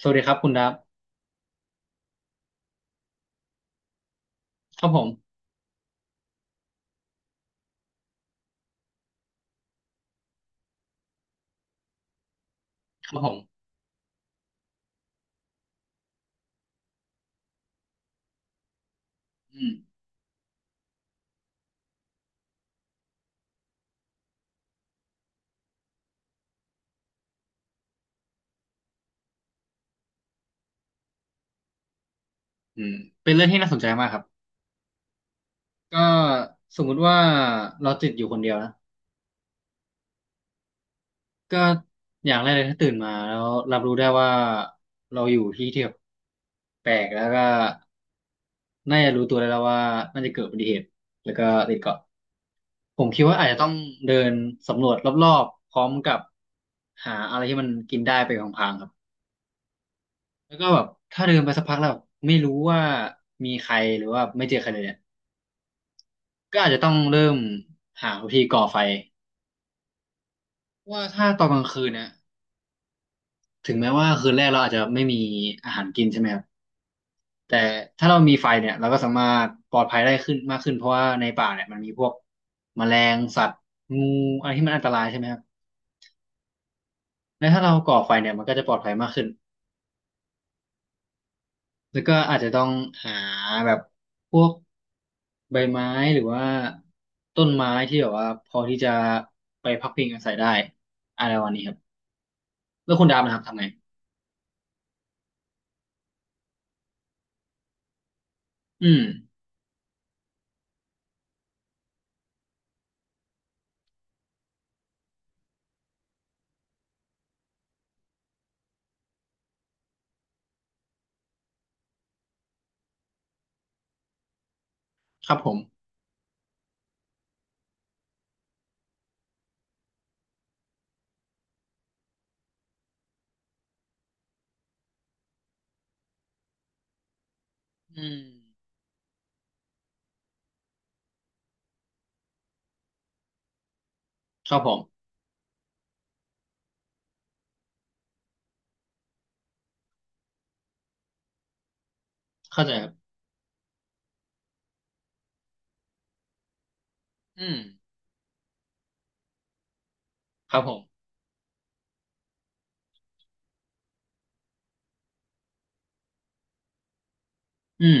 สวัสดีครับคุณดับครับผมครับผมอืมอืมเป็นเรื่องที่น่าสนใจมากครับก็สมมุติว่าเราติดอยู่คนเดียวนะก็อย่างแรกเลยถ้าตื่นมาแล้วรับรู้ได้ว่าเราอยู่ที่ที่แบบแปลกแล้วก็น่าจะรู้ตัวได้แล้วว่าน่าจะเกิดอุบัติเหตุแล้วก็ติดเกาะผมคิดว่าอาจจะต้องเดินสำรวจรอบๆพร้อมกับหาอะไรที่มันกินได้ไปของพลางๆครับแล้วก็แบบถ้าเดินไปสักพักแล้วแบบไม่รู้ว่ามีใครหรือว่าไม่เจอใครเลยเนี่ย ก็อาจจะต้องเริ่มหาวิธีก่อไฟว่าถ้าตอนกลางคืนเนี่ยถึงแม้ว่าคืนแรกเราอาจจะไม่มีอาหารกินใช่ไหมครับแต่ถ้าเรามีไฟเนี่ยเราก็สามารถปลอดภัยได้ขึ้นมากขึ้นเพราะว่าในป่าเนี่ยมันมีพวกแมลงสัตว์งูอะไรที่มันอันตรายใช่ไหมครับและถ้าเราก่อไฟเนี่ยมันก็จะปลอดภัยมากขึ้นแล้วก็อาจจะต้องหาแบบพวกใบไม้หรือว่าต้นไม้ที่แบบว่าพอที่จะไปพักพิงอาศัยได้อะไรวันนี้ครับแล้วคุณดาบนะครับทำไงอืม ครับผมอืมครับผมเข้าใจครับอืมครับผมอืม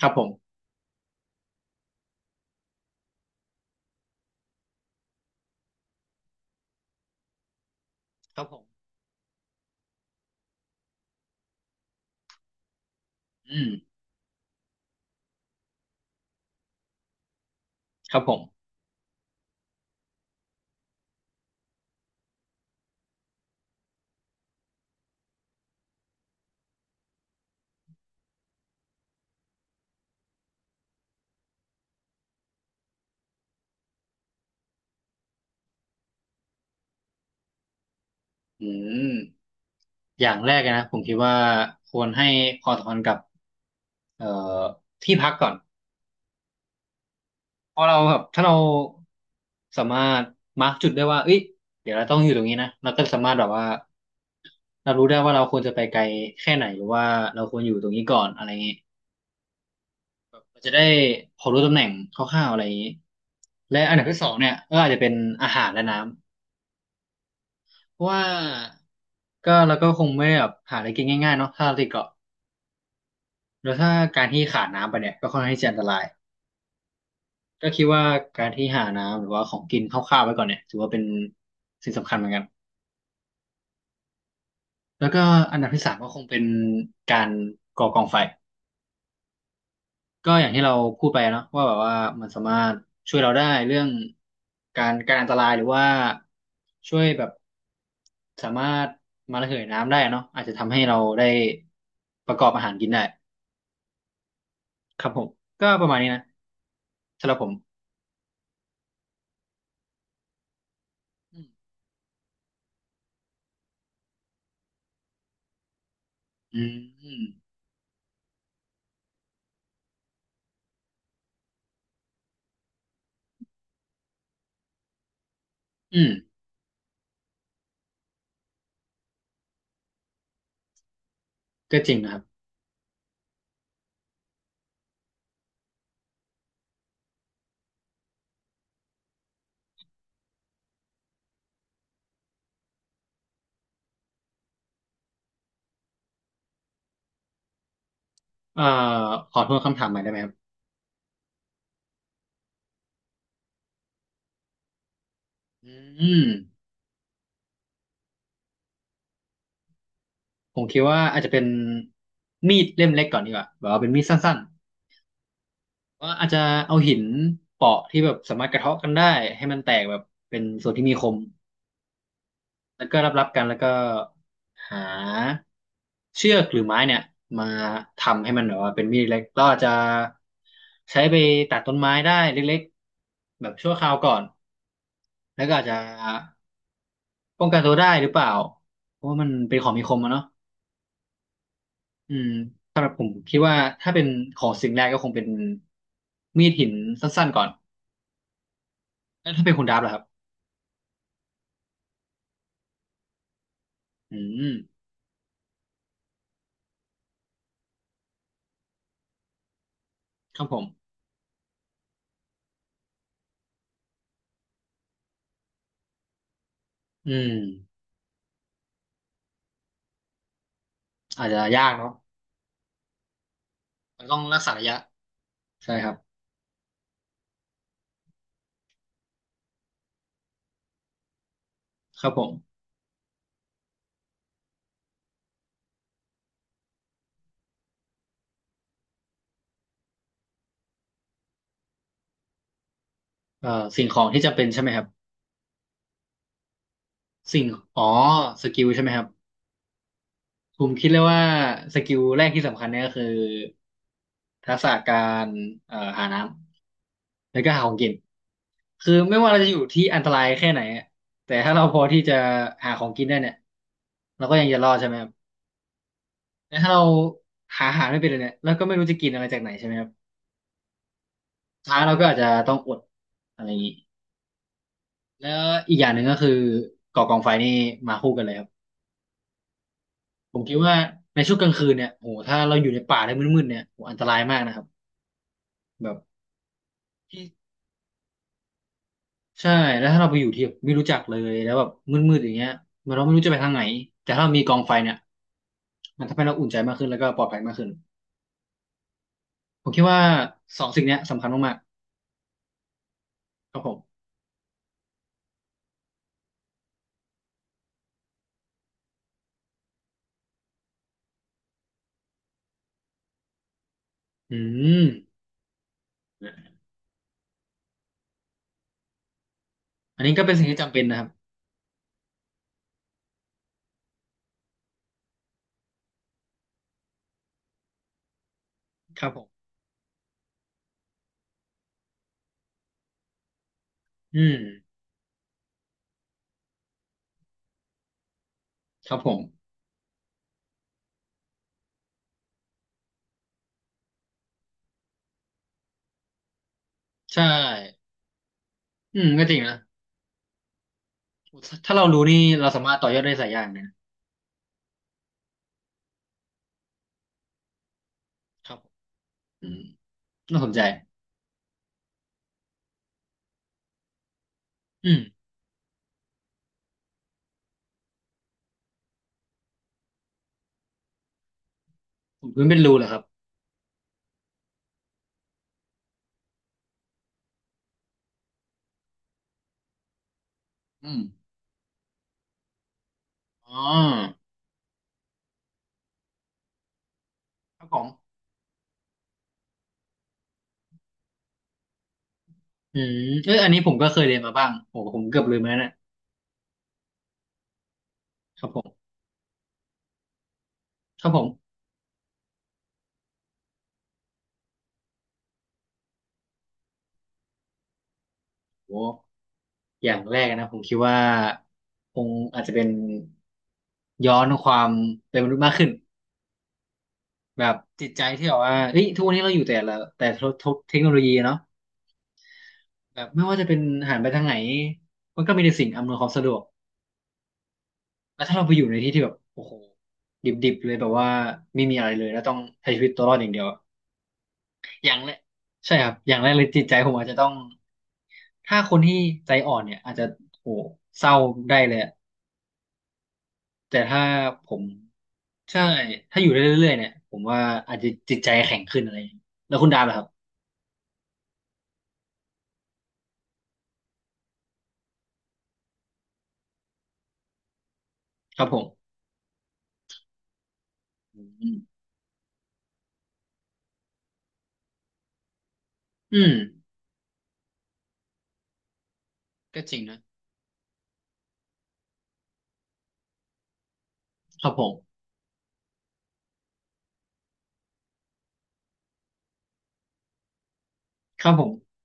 ครับผมครับผมอืมครับผมอืมอย่างแรกนะผมคิดว่าควรให้ความสำคัญกับเอ่อที่พักก่อนเพอเราแบบถ้าเราสามารถมาร์กจุดได้ว่าเอ้ยเดี๋ยวเราต้องอยู่ตรงนี้นะเราก็สามารถแบบว่าเรารู้ได้ว่าเราควรจะไปไกลแค่ไหนหรือว่าเราควรอยู่ตรงนี้ก่อนอะไรเงี้ย เราจะได้พอรู้ตำแหน่งคร่าวๆอะไรอย่างนี้และอันดับที่สองเนี่ยก็อาจจะเป็นอาหารและน้ำเพราะว่าก็เราก็คงไม่ได้แบบหาอะไรกินง่ายๆเนาะถ้าเราติดเกาะแล้วถ้าการที่ขาดน้ำไปเนี่ยก็ค่อนข้างที่จะอันตรายก็คิดว่าการที่หาน้ำหรือว่าของกินคร่าวๆไว้ก่อนเนี่ยถือว่าเป็นสิ่งสำคัญเหมือนกันแล้วก็อันดับที่สามก็คงเป็นการก่อกองไฟ ก็อย่างที่เราพูดไปเนาะว่าแบบว่ามันสามารถช่วยเราได้เรื่องการอันตรายหรือว่าช่วยแบบสามารถมาระเหยน้ำได้เนาะอาจจะทำให้เราได้ประกอบอาหารกินได้ครับผมก็ประมาณนี้นะสำหรับผมอืมอืมอืมก็จริงนะครับเอ่อขอทวนคำถามใหม่ได้ไหมครับอืมผมคิดว่าอาจจะเป็นมีดเล่มเล็กก่อนดีกว่าแบบว่าเป็นมีดสั้น ก็อาจจะเอาหินเปาะที่แบบสามารถกระเทาะกันได้ให้มันแตกแบบเป็นส่วนที่มีคม แล้วก็รับกันแล้วก็หาเชือกหรือไม้เนี่ยมาทำให้มันแบบว่าเป็นมีดเล็กเราอาจจะใช้ไปตัดต้นไม้ได้เล็กๆแบบชั่วคราวก่อนแล้วก็อาจจะป้องกันตัวได้หรือเปล่า เพราะว่ามันเป็นของมีคมอะเนาะอืมสำหรับผมคิดว่าถ้าเป็นของสิ่งแรกก็คงเป็นมีดหินสั้นๆก่อนแล้วถ้าเป็นคุณดับล่ะครับอืม ครับผมอืมอาจจะยากเนาะมันต้องรักษาระยะใช่ครับครับผมสิ่งของที่จำเป็นใช่ไหมครับ สิ่งอ๋อสกิลใช่ไหมครับ ผมคิดเลยว่าสกิลแรกที่สำคัญเนี่ยก็คือทักษะการหาน้ำแล้วก็หาของกิน คือไม่ว่าเราจะอยู่ที่อันตรายแค่ไหนอะแต่ถ้าเราพอที่จะหาของกินได้เนี่ยเราก็ยังจะรอดใช่ไหมครับแต่ถ้าเราหาอาหารไม่เป็นเลยเนี่ยเราก็ไม่รู้จะกินอะไรจากไหนใช่ไหมครับสุดท้ายเราก็อาจจะต้องอดอะไรอย่างนี้ แล้วอีกอย่างหนึ่งก็คือก่อกองไฟนี่มาคู่กันเลยครับผมคิดว่าในช่วงกลางคืนเนี่ยโหถ้าเราอยู่ในป่าใน้มืดๆเนี่ยโหอันตรายมากนะครับแบบที่ใช่แล้วถ้าเราไปอยู่ที่ไม่รู้จักเลยแล้วแบบมืดๆอย่างเงี้ยมันเราไม่รู้จะไปทางไหนแต่ถ้าเรามีกองไฟเนี่ยมันทำให้เราอุ่นใจมากขึ้นแล้วก็ปลอดภัยมากขึ้นผมคิดว่าสองสิ่งเนี้ยสำคัญมากๆครับผมอืมอันนี้ก็เป็นสิ่งที่จำเป็นนะครับครับผมอืมครับผมใช่อืมก็จริงนะถ้าเรารู้นี่เราสามารถต่อยอดได้หลายอย่างเลยนะครับ อืมน่าสนใจอืมขุดพื้นเป็นรูเหรอครับอืมอ๋อครับผมอืมเอออันนี้ผมก็เคยเรียนมาบ้างโอ้ผมเกือบลืมแล้วนะครับผมครับผมโอ้อย่างแรกนะผมคิดว่าคงอาจจะเป็นย้อนความเป็นมนุษย์มากขึ้นแบบจิตใจที่แบบว่าเฮ้ยทุกวันนี้เราอยู่แต่ละแต่ทบเทคโนโลยีเนาะแบบไม่ว่าจะเป็นหันไปทางไหนมันก็มีแต่สิ่งอำนวยความสะดวก แล้วถ้าเราไปอยู่ในที่ที่แบบโอ้โหดิบๆเลยแบบว่าไม่มีอะไรเลยแล้วต้องใช้ชีวิตตัวรอดอย่างเดียวอะอย่างแรกใช่ครับอย่างแรกเลยจิตใจผมอาจจะต้องถ้าคนที่ใจอ่อนเนี่ยอาจจะโหเศร้าได้เลยอะแต่ถ้าผมใช่ถ้าอยู่ได้เรื่อยๆเนี่ยผมว่าอาจจะจิตใจแข็งขึ้นอะไรอย่างเงี้ยแล้วคุณดาบล่ะครับครับผมอืมอืมก็จริงนะครับผมครับผม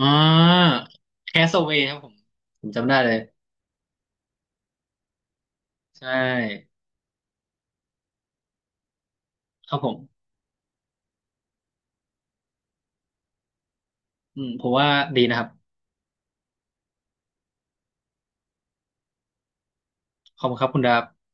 อ่าแคสเวย์ครับผมผมจำได้เลยใช่ครับผมอืมผมว่าดีนะครับ ขอบคุณครับคุณดาบ